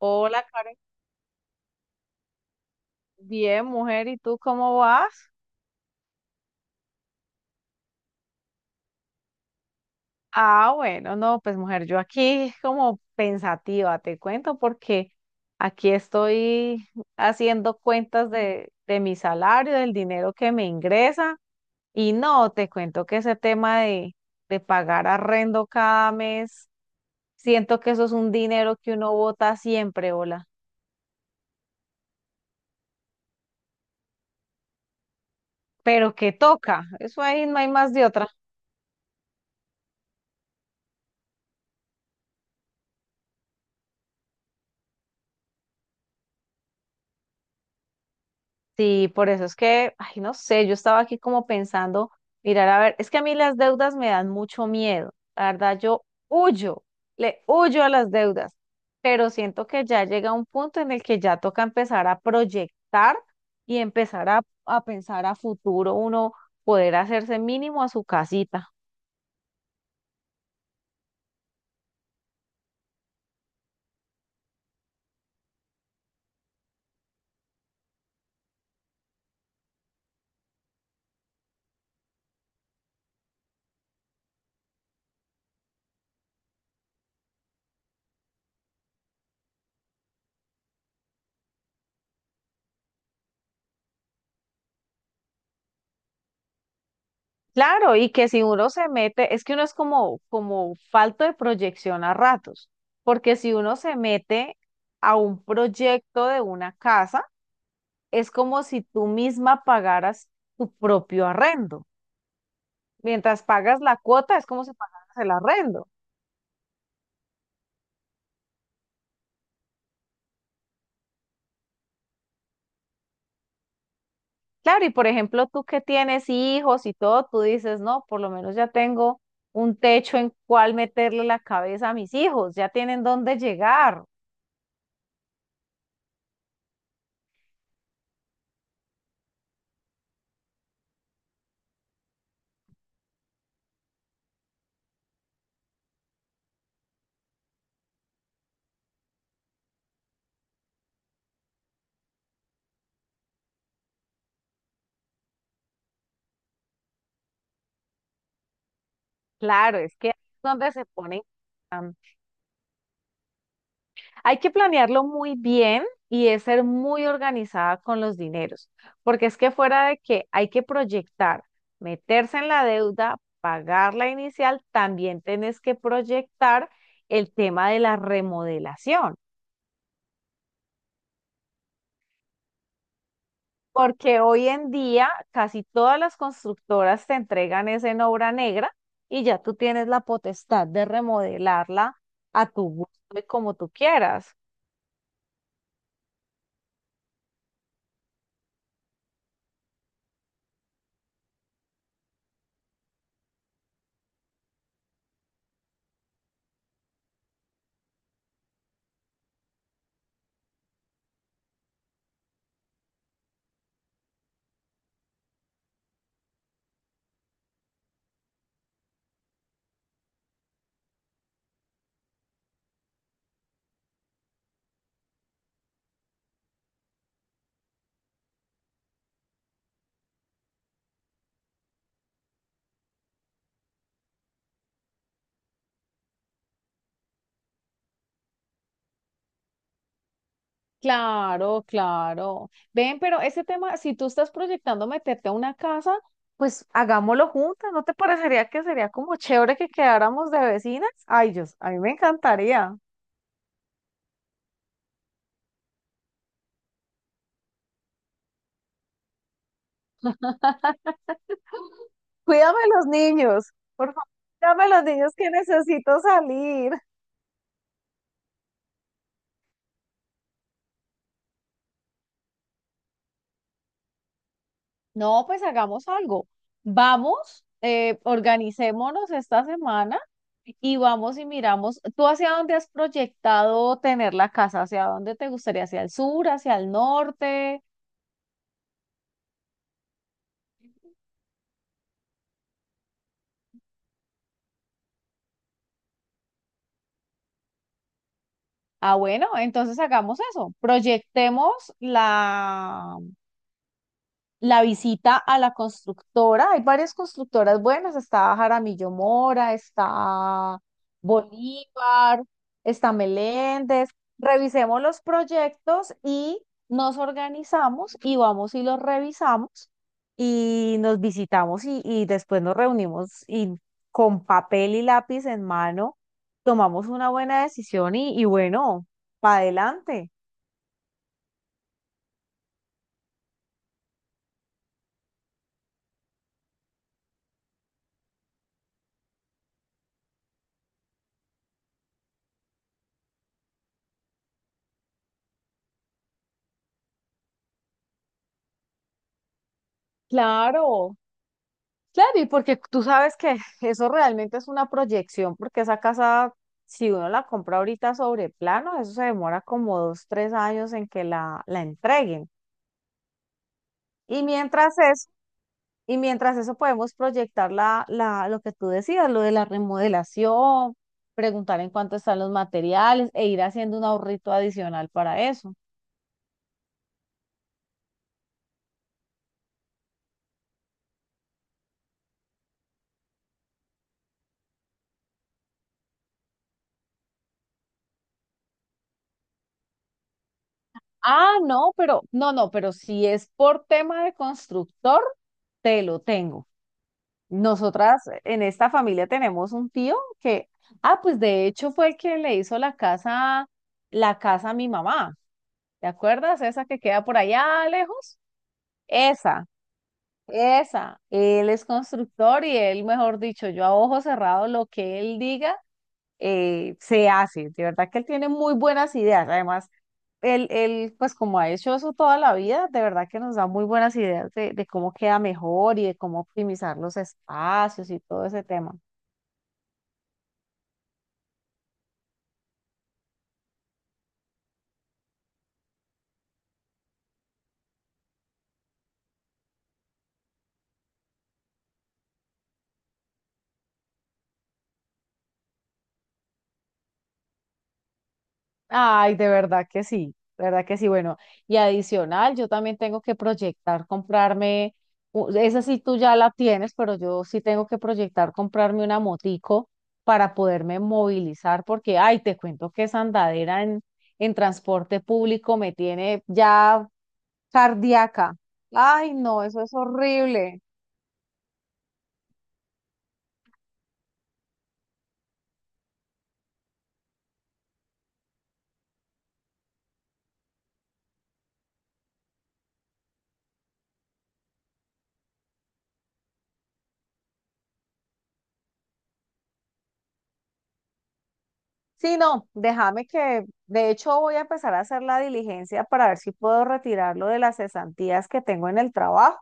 Hola, Karen. Bien, mujer, ¿y tú cómo vas? Ah, bueno, no, pues mujer, yo aquí como pensativa, te cuento, porque aquí estoy haciendo cuentas de mi salario, del dinero que me ingresa, y no, te cuento que ese tema de pagar arrendo cada mes, siento que eso es un dinero que uno bota siempre, hola, pero que toca, eso ahí no hay más de otra. Sí, por eso es que, ay, no sé, yo estaba aquí como pensando, mirar, a ver, es que a mí las deudas me dan mucho miedo, la verdad, yo huyo, le huyo a las deudas, pero siento que ya llega un punto en el que ya toca empezar a proyectar y empezar a pensar a futuro, uno poder hacerse mínimo a su casita. Claro, y que si uno se mete, es que uno es como, como falto de proyección a ratos, porque si uno se mete a un proyecto de una casa, es como si tú misma pagaras tu propio arrendo. Mientras pagas la cuota, es como si pagaras el arrendo. Claro, y por ejemplo, tú que tienes hijos y todo, tú dices, no, por lo menos ya tengo un techo en cual meterle la cabeza a mis hijos, ya tienen dónde llegar. Claro, es que ahí es donde se ponen. Hay que planearlo muy bien y es ser muy organizada con los dineros, porque es que fuera de que hay que proyectar, meterse en la deuda, pagar la inicial, también tenés que proyectar el tema de la remodelación, porque hoy en día casi todas las constructoras te entregan es en obra negra y ya tú tienes la potestad de remodelarla a tu gusto y como tú quieras. Claro, claro. Ven, pero ese tema, si tú estás proyectando meterte a una casa, pues hagámoslo juntas. ¿No te parecería que sería como chévere que quedáramos de vecinas? Ay, Dios, a mí me encantaría. Cuídame los niños, por favor, cuídame los niños que necesito salir. No, pues hagamos algo. Vamos, organicémonos esta semana y vamos y miramos. ¿Tú hacia dónde has proyectado tener la casa? ¿Hacia dónde te gustaría? ¿Hacia el sur, hacia el norte? Ah, bueno, entonces hagamos eso. Proyectemos la, la visita a la constructora. Hay varias constructoras buenas. Está Jaramillo Mora, está Bolívar, está Meléndez. Revisemos los proyectos y nos organizamos y vamos y los revisamos y nos visitamos y después nos reunimos y con papel y lápiz en mano tomamos una buena decisión y bueno, para adelante. Claro, claro, y porque tú sabes que eso realmente es una proyección, porque esa casa, si uno la compra ahorita sobre plano, eso se demora como 2, 3 años en que la entreguen. Y mientras eso, y mientras eso podemos proyectar lo que tú decías, lo de la remodelación, preguntar en cuánto están los materiales e ir haciendo un ahorrito adicional para eso. Ah, no, pero, pero si es por tema de constructor, te lo tengo. Nosotras en esta familia tenemos un tío que, ah, pues de hecho fue el que le hizo la casa a mi mamá. ¿Te acuerdas? Esa que queda por allá lejos. Esa, esa. Él es constructor y él, mejor dicho, yo a ojo cerrado, lo que él diga, se hace. De verdad que él tiene muy buenas ideas. Además, pues como ha hecho eso toda la vida, de verdad que nos da muy buenas ideas de cómo queda mejor y de cómo optimizar los espacios y todo ese tema. Ay, de verdad que sí, de verdad que sí. Bueno, y adicional, yo también tengo que proyectar comprarme, esa sí tú ya la tienes, pero yo sí tengo que proyectar comprarme una motico para poderme movilizar, porque, ay, te cuento que esa andadera en transporte público me tiene ya cardíaca. Ay, no, eso es horrible. Sí, no, déjame que, de hecho, voy a empezar a hacer la diligencia para ver si puedo retirarlo de las cesantías que tengo en el trabajo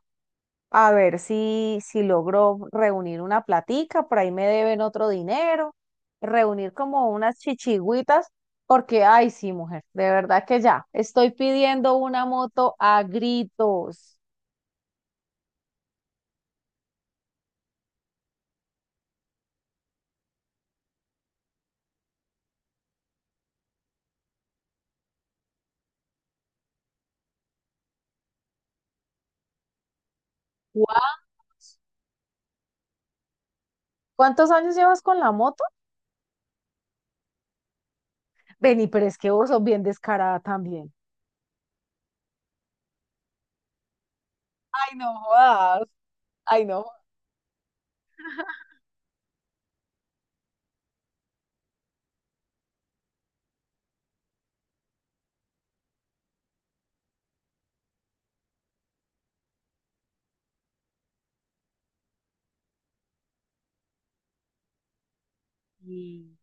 a ver si logro reunir una platica, por ahí me deben otro dinero, reunir como unas chichigüitas, porque, ay, sí, mujer, de verdad que ya, estoy pidiendo una moto a gritos. Guau, ¿cuántos años llevas con la moto? Vení, pero es que vos sos bien descarada también. Ay, no jodas. Ay, no. Sí.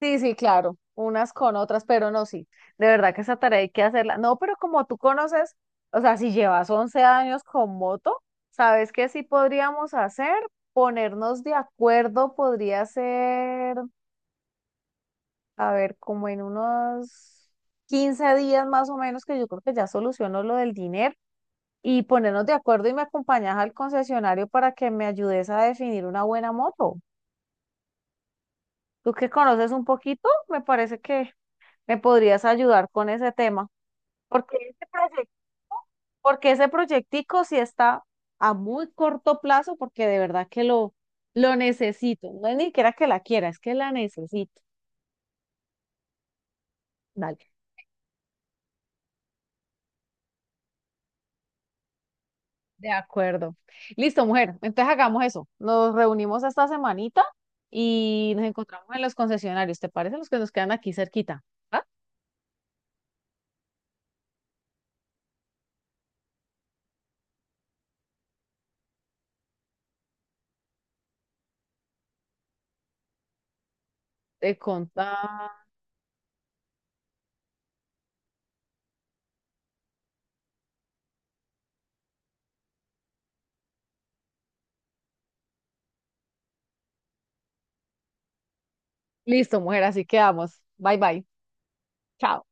Sí, sí, claro, unas con otras, pero no, sí, de verdad que esa tarea hay que hacerla. No, pero como tú conoces, o sea, si llevas 11 años con moto, ¿sabes qué sí podríamos hacer? Ponernos de acuerdo podría ser, a ver, como en unos 15 días más o menos, que yo creo que ya soluciono lo del dinero, y ponernos de acuerdo y me acompañas al concesionario para que me ayudes a definir una buena moto. Tú que conoces un poquito, me parece que me podrías ayudar con ese tema. Porque ese proyecto, porque ese proyectico sí está a muy corto plazo, porque de verdad que lo necesito. No es ni siquiera que la quiera, es que la necesito. Dale. De acuerdo. Listo, mujer. Entonces hagamos eso. Nos reunimos esta semanita y nos encontramos en los concesionarios. ¿Te parece? Los que nos quedan aquí cerquita. ¿Va? Te conta. Listo, mujer. Así quedamos. Bye, bye. Chao.